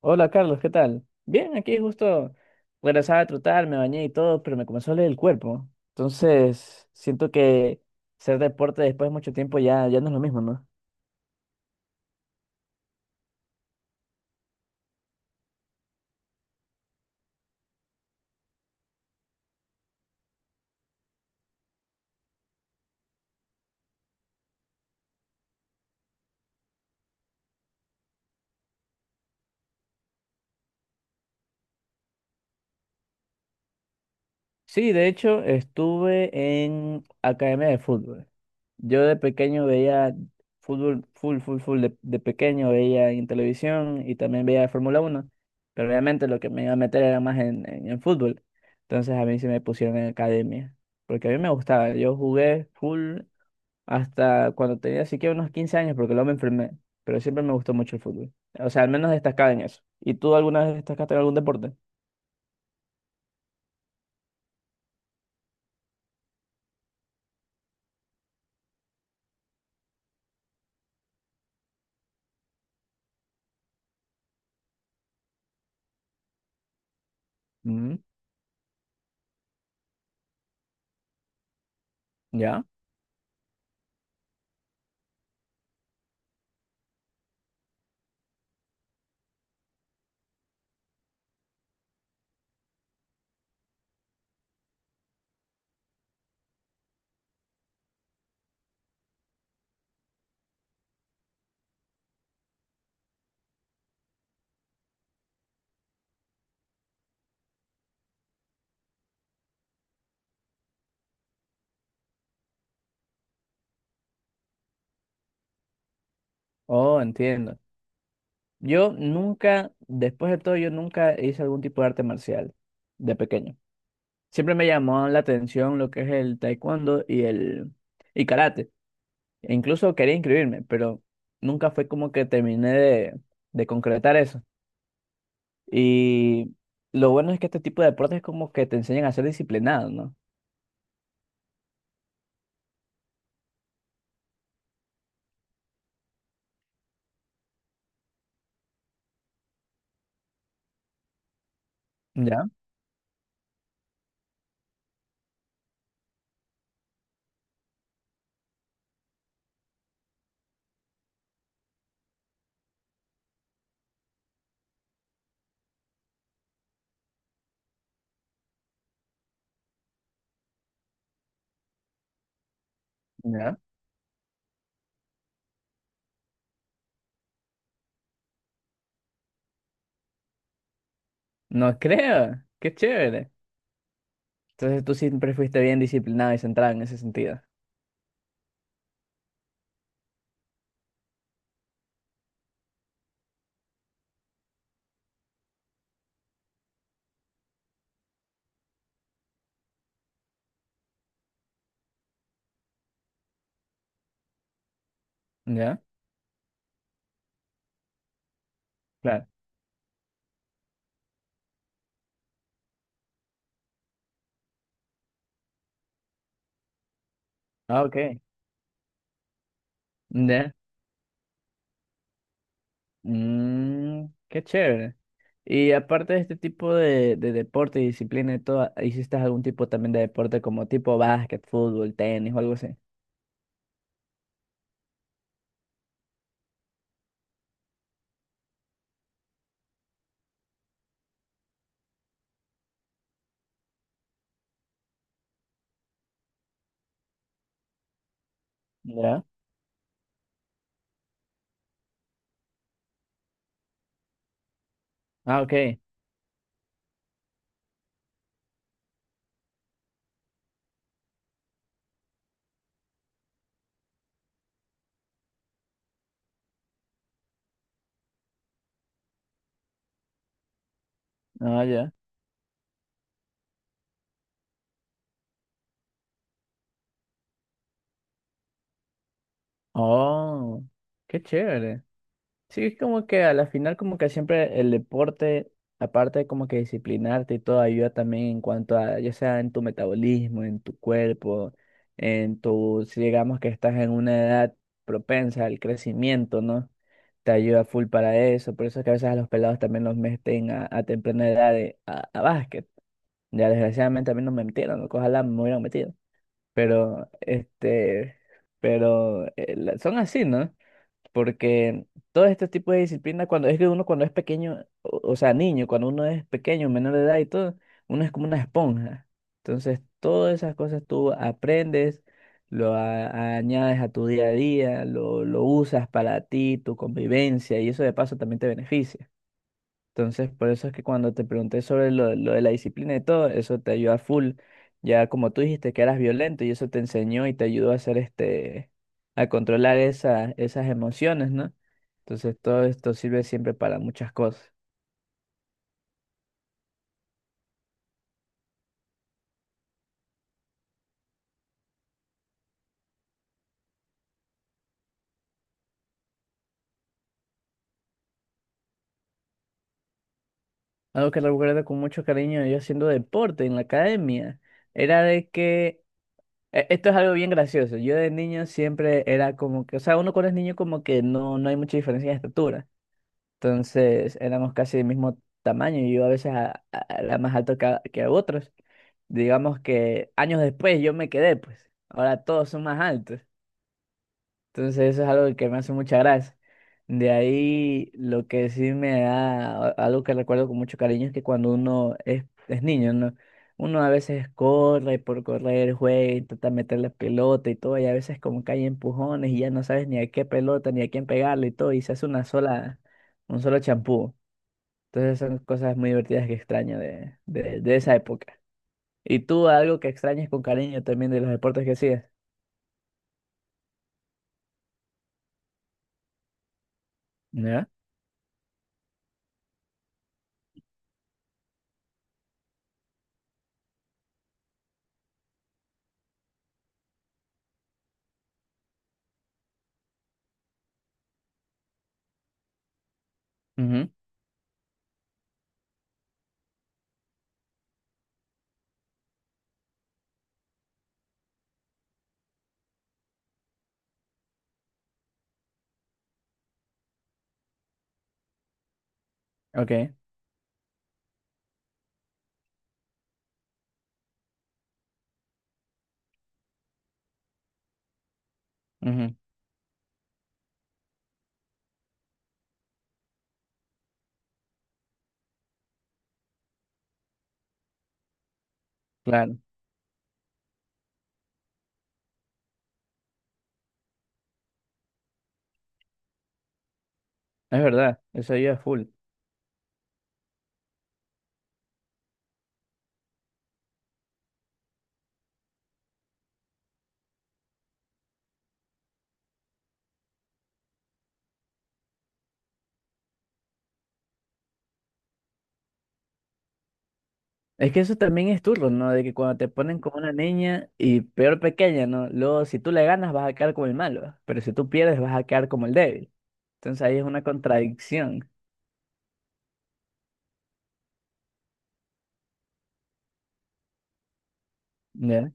Hola Carlos, ¿qué tal? Bien, aquí justo regresaba a trotar, me bañé y todo, pero me comenzó a doler el cuerpo. Entonces, siento que hacer deporte después de mucho tiempo ya no es lo mismo, ¿no? Sí, de hecho, estuve en academia de fútbol. Yo de pequeño veía fútbol, full, full, full, de pequeño veía en televisión y también veía Fórmula Uno, pero obviamente lo que me iba a meter era más en, en fútbol. Entonces a mí se me pusieron en academia, porque a mí me gustaba. Yo jugué full hasta cuando tenía así que unos 15 años, porque luego me enfermé, pero siempre me gustó mucho el fútbol. O sea, al menos destacaba en eso. ¿Y tú alguna vez destacaste en algún deporte? Mm. ¿Ya? Oh, entiendo. Yo nunca, después de todo, yo nunca hice algún tipo de arte marcial de pequeño. Siempre me llamó la atención lo que es el taekwondo y karate. E incluso quería inscribirme, pero nunca fue como que terminé de concretar eso. Y lo bueno es que este tipo de deportes como que te enseñan a ser disciplinado, ¿no? ¿Ya? ¿Ya? No creo, qué chévere. Entonces tú siempre fuiste bien disciplinado y centrado en ese sentido. ¿Ya? Claro. Ah, ok. ¿Ya? Mm, qué chévere. Y aparte de este tipo de deporte y disciplina y todo, ¿hiciste algún tipo también de deporte como tipo básquet, fútbol, tenis o algo así? ¿Ya? Ah, ok. Ah, ya. Oh, qué chévere. Sí, es como que a la final como que siempre el deporte, aparte de como que disciplinarte y todo, ayuda también en cuanto a, ya sea en tu metabolismo, en tu cuerpo, si digamos que estás en una edad propensa al crecimiento, ¿no? Te ayuda full para eso, por eso es que a veces a los pelados también los meten a temprana edad a básquet. Ya desgraciadamente a mí no me metieron, ¿no? Que ojalá me hubieran metido, pero son así, ¿no? Porque todos estos tipos de disciplinas, cuando es que uno cuando es pequeño, o sea, niño, cuando uno es pequeño, menor de edad y todo, uno es como una esponja. Entonces, todas esas cosas tú aprendes, lo añades a tu día a día, lo usas para ti, tu convivencia, y eso de paso también te beneficia. Entonces, por eso es que cuando te pregunté sobre lo de la disciplina y todo, eso te ayuda full. Ya como tú dijiste que eras violento y eso te enseñó y te ayudó a hacer a controlar esas emociones, ¿no? Entonces, todo esto sirve siempre para muchas cosas. Algo que recuerdo con mucho cariño yo haciendo deporte en la academia era de que, esto es algo bien gracioso. Yo de niño siempre era como que, o sea, uno cuando es niño como que no hay mucha diferencia de estatura. Entonces éramos casi del mismo tamaño y yo a veces era más alto que a otros. Digamos que años después yo me quedé, pues. Ahora todos son más altos. Entonces eso es algo que me hace mucha gracia. De ahí lo que sí me da algo que recuerdo con mucho cariño es que cuando uno es niño, ¿no? Uno a veces corre por correr, juega, intenta meter la pelota y todo, y a veces como que hay empujones y ya no sabes ni a qué pelota ni a quién pegarle y todo, y se hace un solo champú. Entonces son cosas muy divertidas que extraño de esa época. ¿Y tú algo que extrañes con cariño también de los deportes que hacías? ¿Ya? Ujú. Ok. Ujú. Claro. Es verdad. Eso ayuda full. Es que eso también es turno, ¿no? De que cuando te ponen como una niña y peor pequeña, ¿no? Luego, si tú le ganas, vas a quedar como el malo. Pero si tú pierdes, vas a quedar como el débil. Entonces ahí es una contradicción. ¿Ya?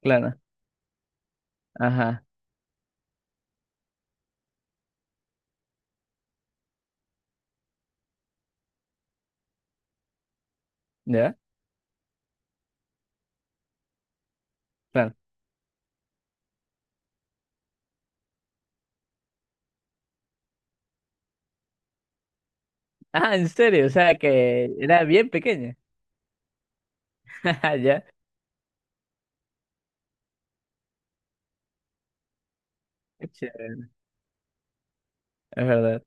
Claro. Ajá. ¿Ya? Claro. Ah, en serio. O sea que era bien pequeña. Ah, ya. Qué chévere. Es verdad.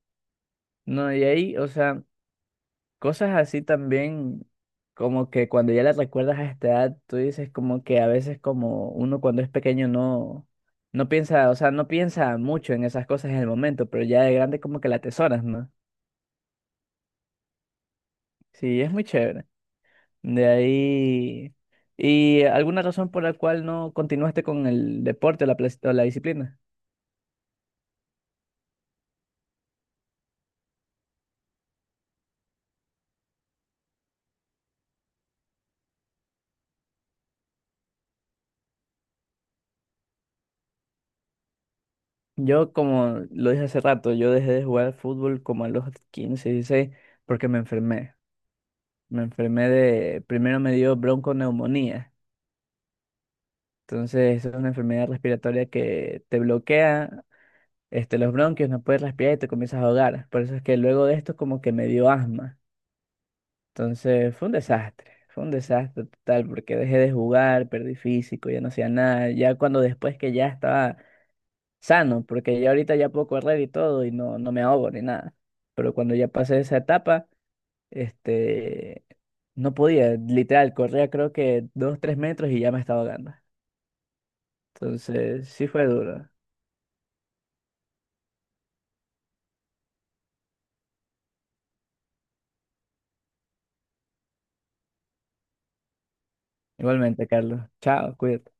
No, y ahí, o sea, cosas así también, como que cuando ya las recuerdas a esta edad, tú dices como que a veces como uno cuando es pequeño no piensa, o sea, no piensa mucho en esas cosas en el momento, pero ya de grande como que la atesoras, ¿no? Sí, es muy chévere. De ahí, ¿y alguna razón por la cual no continuaste con el deporte o la disciplina? Yo, como lo dije hace rato, yo dejé de jugar fútbol como a los 15, 16, porque me enfermé. Me enfermé de, primero me dio bronconeumonía. Entonces, es una enfermedad respiratoria que te bloquea, este, los bronquios, no puedes respirar y te comienzas a ahogar. Por eso es que luego de esto como que me dio asma. Entonces, fue un desastre total porque dejé de jugar, perdí físico, ya no hacía nada. Ya cuando después que ya estaba sano, porque ya ahorita ya puedo correr y todo y no me ahogo ni nada. Pero cuando ya pasé esa etapa, este, no podía, literal, corría creo que 2, 3 metros y ya me estaba ahogando. Entonces, sí fue duro. Igualmente, Carlos. Chao, cuídate.